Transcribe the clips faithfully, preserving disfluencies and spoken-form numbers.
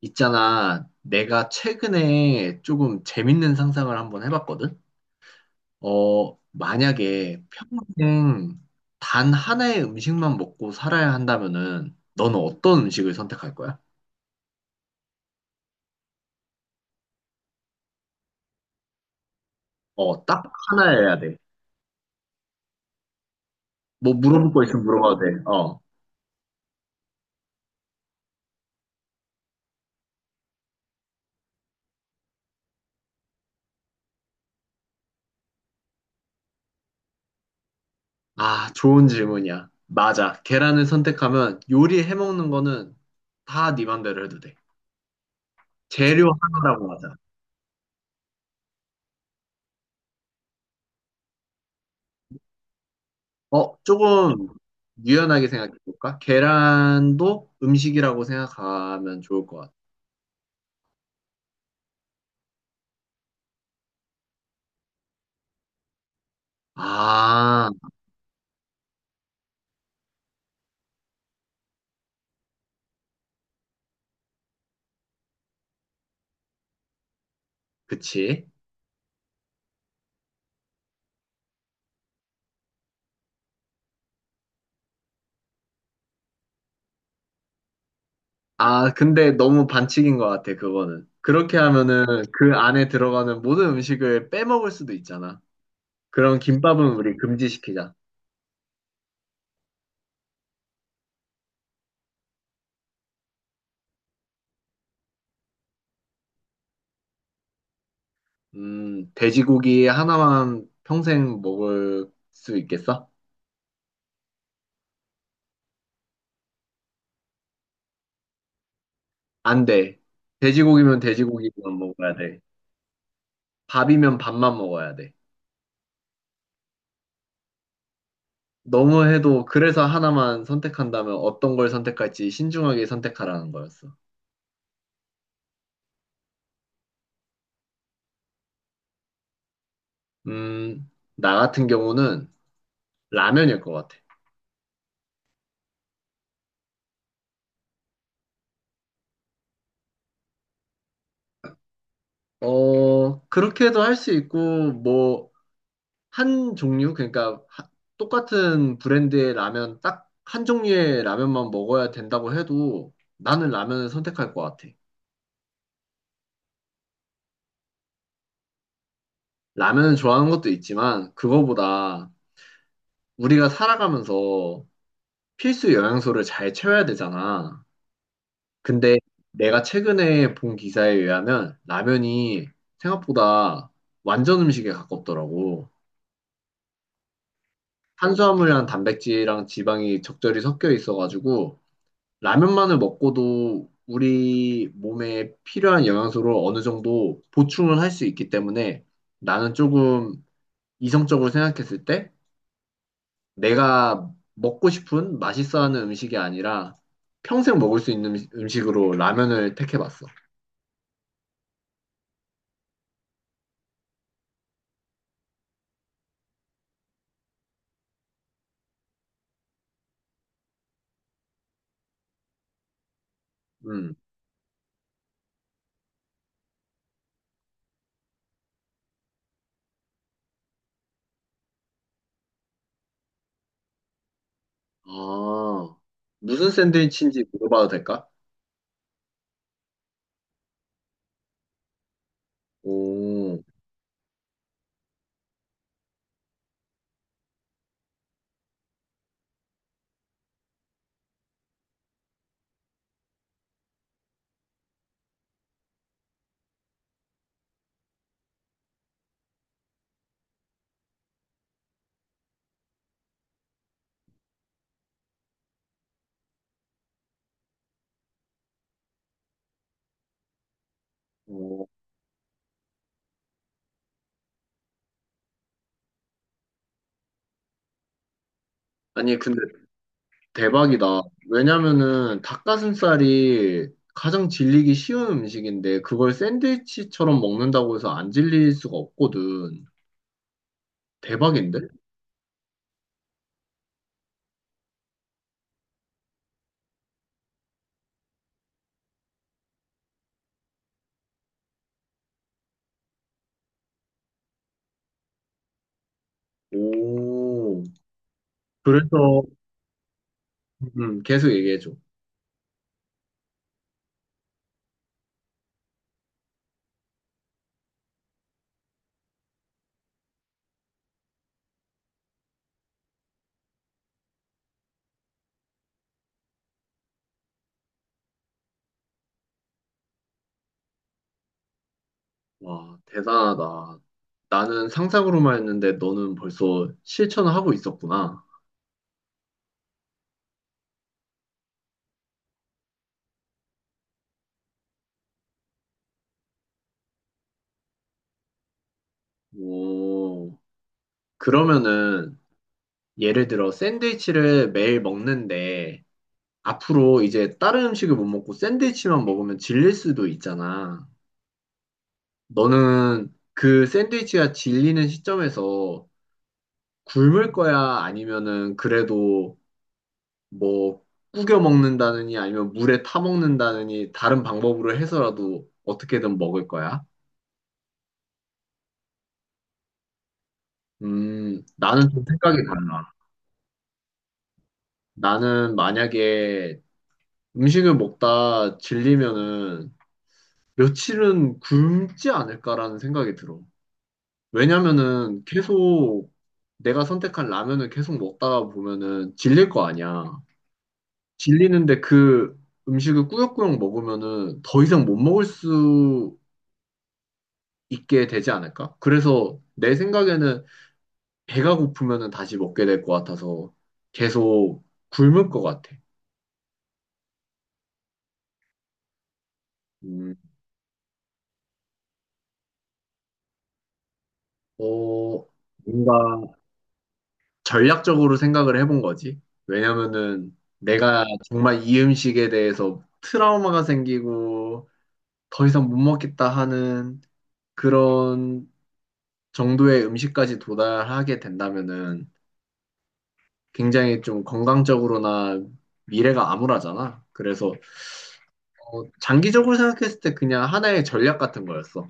있잖아, 내가 최근에 조금 재밌는 상상을 한번 해봤거든? 어, 만약에 평생 단 하나의 음식만 먹고 살아야 한다면은, 너는 어떤 음식을 선택할 거야? 어, 딱 하나여야 돼. 뭐 물어볼 거 있으면 물어봐도 돼. 어. 아, 좋은 질문이야. 맞아. 계란을 선택하면 요리해 먹는 거는 다 네 맘대로 해도 돼. 재료 하나라고 하자. 어, 조금 유연하게 생각해 볼까? 계란도 음식이라고 생각하면 좋을 것 같아. 아, 그치. 아, 근데 너무 반칙인 것 같아, 그거는. 그렇게 하면은 그 안에 들어가는 모든 음식을 빼먹을 수도 있잖아. 그럼 김밥은 우리 금지시키자. 음, 돼지고기 하나만 평생 먹을 수 있겠어? 안 돼. 돼지고기면 돼지고기만 먹어야 돼. 밥이면 밥만 먹어야 돼. 너무 해도 그래서 하나만 선택한다면 어떤 걸 선택할지 신중하게 선택하라는 거였어. 음, 나 같은 경우는 라면일 것 같아. 어, 그렇게도 할 수 있고, 뭐, 한 종류? 그러니까 하- 똑같은 브랜드의 라면, 딱 한 종류의 라면만 먹어야 된다고 해도 나는 라면을 선택할 것 같아. 라면을 좋아하는 것도 있지만, 그거보다 우리가 살아가면서 필수 영양소를 잘 채워야 되잖아. 근데 내가 최근에 본 기사에 의하면 라면이 생각보다 완전 음식에 가깝더라고. 탄수화물이랑 단백질이랑 지방이 적절히 섞여 있어가지고 라면만을 먹고도 우리 몸에 필요한 영양소를 어느 정도 보충을 할 수 있기 때문에 나는 조금 이성적으로 생각했을 때 내가 먹고 싶은 맛있어 하는 음식이 아니라 평생 먹을 수 있는 음식으로 라면을 택해봤어. 음. 아, 무슨 샌드위치인지 물어봐도 될까? 오, 오, 아니, 근데 대박이다. 왜냐면은 닭가슴살이 가장 질리기 쉬운 음식인데, 그걸 샌드위치처럼 먹는다고 해서 안 질릴 수가 없거든. 대박인데? 오, 그래서, 음, 계속 얘기해줘. 와, 대단하다. 나는 상상으로만 했는데, 너는 벌써 실천을 하고 있었구나. 오, 그러면은, 예를 들어 샌드위치를 매일 먹는데 앞으로 이제 다른 음식을 못 먹고 샌드위치만 먹으면 질릴 수도 있잖아. 너는 그 샌드위치가 질리는 시점에서 굶을 거야? 아니면은 그래도 뭐 구겨 먹는다느니 아니면 물에 타 먹는다느니 다른 방법으로 해서라도 어떻게든 먹을 거야? 음, 나는 좀 생각이 달라. 나는 만약에 음식을 먹다 질리면은 며칠은 굶지 않을까라는 생각이 들어. 왜냐면은 계속 내가 선택한 라면을 계속 먹다가 보면은 질릴 거 아니야. 질리는데 그 음식을 꾸역꾸역 먹으면은 더 이상 못 먹을 수 있게 되지 않을까? 그래서 내 생각에는 배가 고프면은 다시 먹게 될 것 같아서 계속 굶을 것 같아. 음, 어, 뭔가 전략적으로 생각을 해본 거지. 왜냐면은 내가 정말 이 음식에 대해서 트라우마가 생기고 더 이상 못 먹겠다 하는 그런 정도의 음식까지 도달하게 된다면은 굉장히 좀 건강적으로나 미래가 암울하잖아. 그래서 어, 장기적으로 생각했을 때 그냥 하나의 전략 같은 거였어.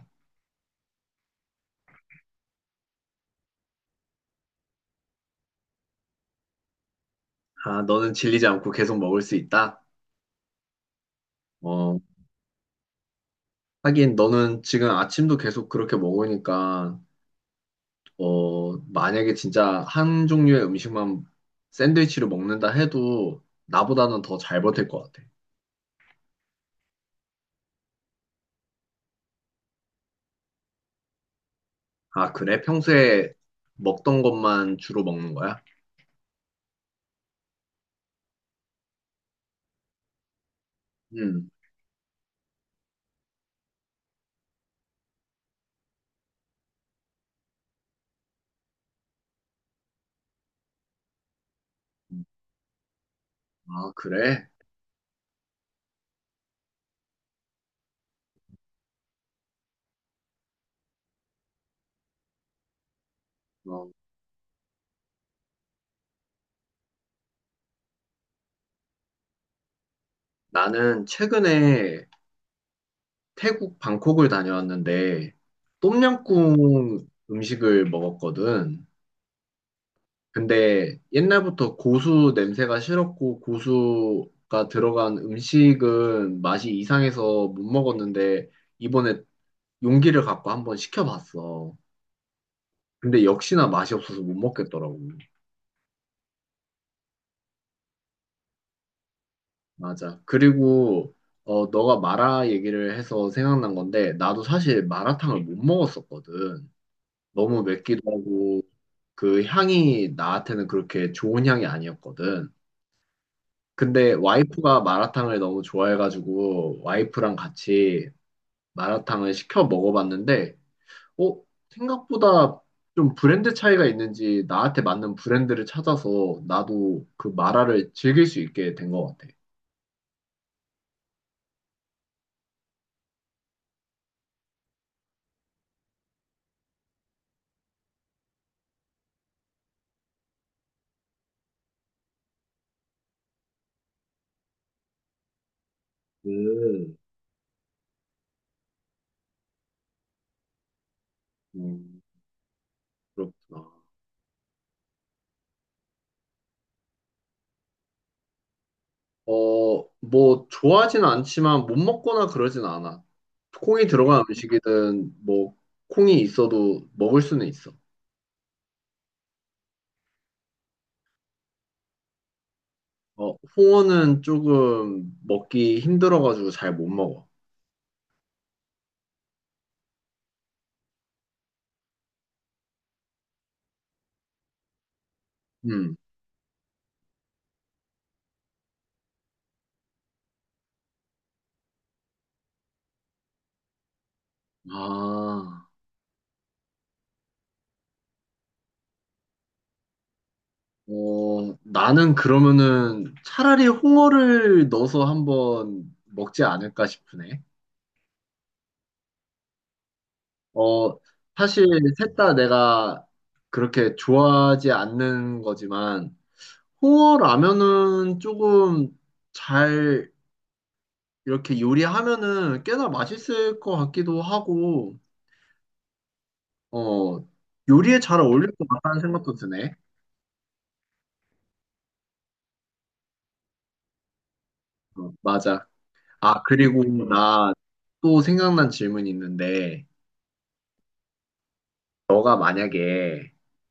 아, 너는 질리지 않고 계속 먹을 수 있다. 어, 하긴 너는 지금 아침도 계속 그렇게 먹으니까 어, 만약에 진짜 한 종류의 음식만 샌드위치로 먹는다 해도 나보다는 더 잘 버틸 것 같아. 아, 그래? 평소에 먹던 것만 주로 먹는 거야? 음. 아, 그래? 어, 나는 최근에 태국 방콕을 다녀왔는데 똠양꿍 음식을 먹었거든. 근데 옛날부터 고수 냄새가 싫었고 고수가 들어간 음식은 맛이 이상해서 못 먹었는데 이번에 용기를 갖고 한번 시켜봤어. 근데 역시나 맛이 없어서 못 먹겠더라고. 맞아. 그리고 어, 너가 마라 얘기를 해서 생각난 건데 나도 사실 마라탕을 못 먹었었거든. 너무 맵기도 하고 그 향이 나한테는 그렇게 좋은 향이 아니었거든. 근데 와이프가 마라탕을 너무 좋아해가지고 와이프랑 같이 마라탕을 시켜 먹어봤는데, 어, 생각보다 좀 브랜드 차이가 있는지 나한테 맞는 브랜드를 찾아서 나도 그 마라를 즐길 수 있게 된 것 같아. 음, 음, 그렇구나. 어, 뭐, 좋아하진 않지만 못 먹거나 그러진 않아. 콩이 들어간 음식이든 뭐, 콩이 있어도 먹을 수는 있어. 어, 홍어는 조금 먹기 힘들어가지고 잘 못 먹어. 음. 아, 어, 나는 그러면은 차라리 홍어를 넣어서 한번 먹지 않을까 싶으네. 어, 사실 셋 다 내가 그렇게 좋아하지 않는 거지만, 홍어 라면은 조금 잘 이렇게 요리하면은 꽤나 맛있을 것 같기도 하고, 어, 요리에 잘 어울릴 것 같다는 생각도 드네. 어, 맞아. 아, 그리고 나 또 생각난 질문이 있는데, 너가 만약에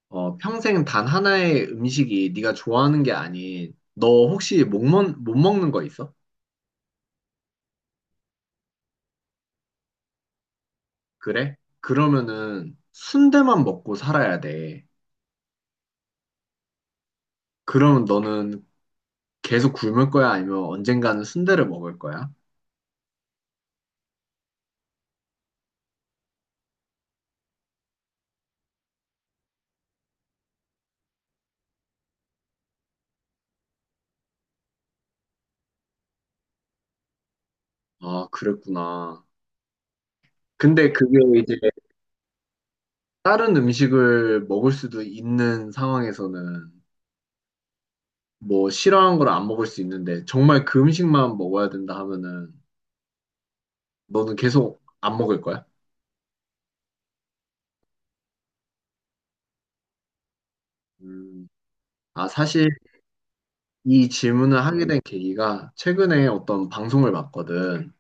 어, 평생 단 하나의 음식이 네가 좋아하는 게 아닌, 너 혹시 못, 먹, 못 먹는 거 있어? 그래? 그러면은 순대만 먹고 살아야 돼. 그러면 너는 계속 굶을 거야? 아니면 언젠가는 순대를 먹을 거야? 아, 그랬구나. 근데 그게 이제 다른 음식을 먹을 수도 있는 상황에서는 뭐 싫어하는 걸 안 먹을 수 있는데 정말 그 음식만 먹어야 된다 하면은 너는 계속 안 먹을 거야? 음. 아, 사실 이 질문을 하게 된 계기가 최근에 어떤 방송을 봤거든.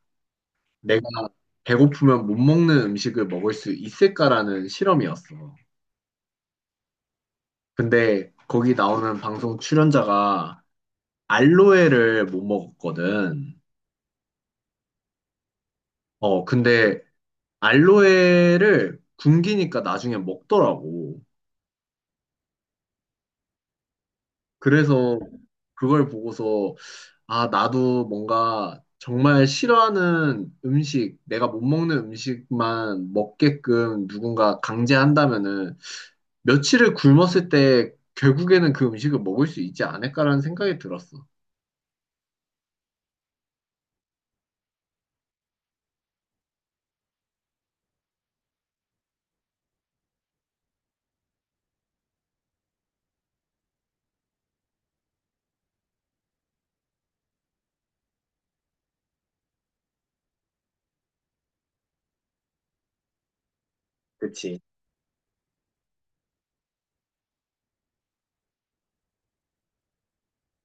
내가 배고프면 못 먹는 음식을 먹을 수 있을까라는 실험이었어. 근데 거기 나오는 방송 출연자가 알로에를 못 먹었거든. 어, 근데 알로에를 굶기니까 나중에 먹더라고. 그래서 그걸 보고서 아, 나도 뭔가 정말 싫어하는 음식, 내가 못 먹는 음식만 먹게끔 누군가 강제한다면은 며칠을 굶었을 때 결국에는 그 음식을 먹을 수 있지 않을까라는 생각이 들었어. 그치.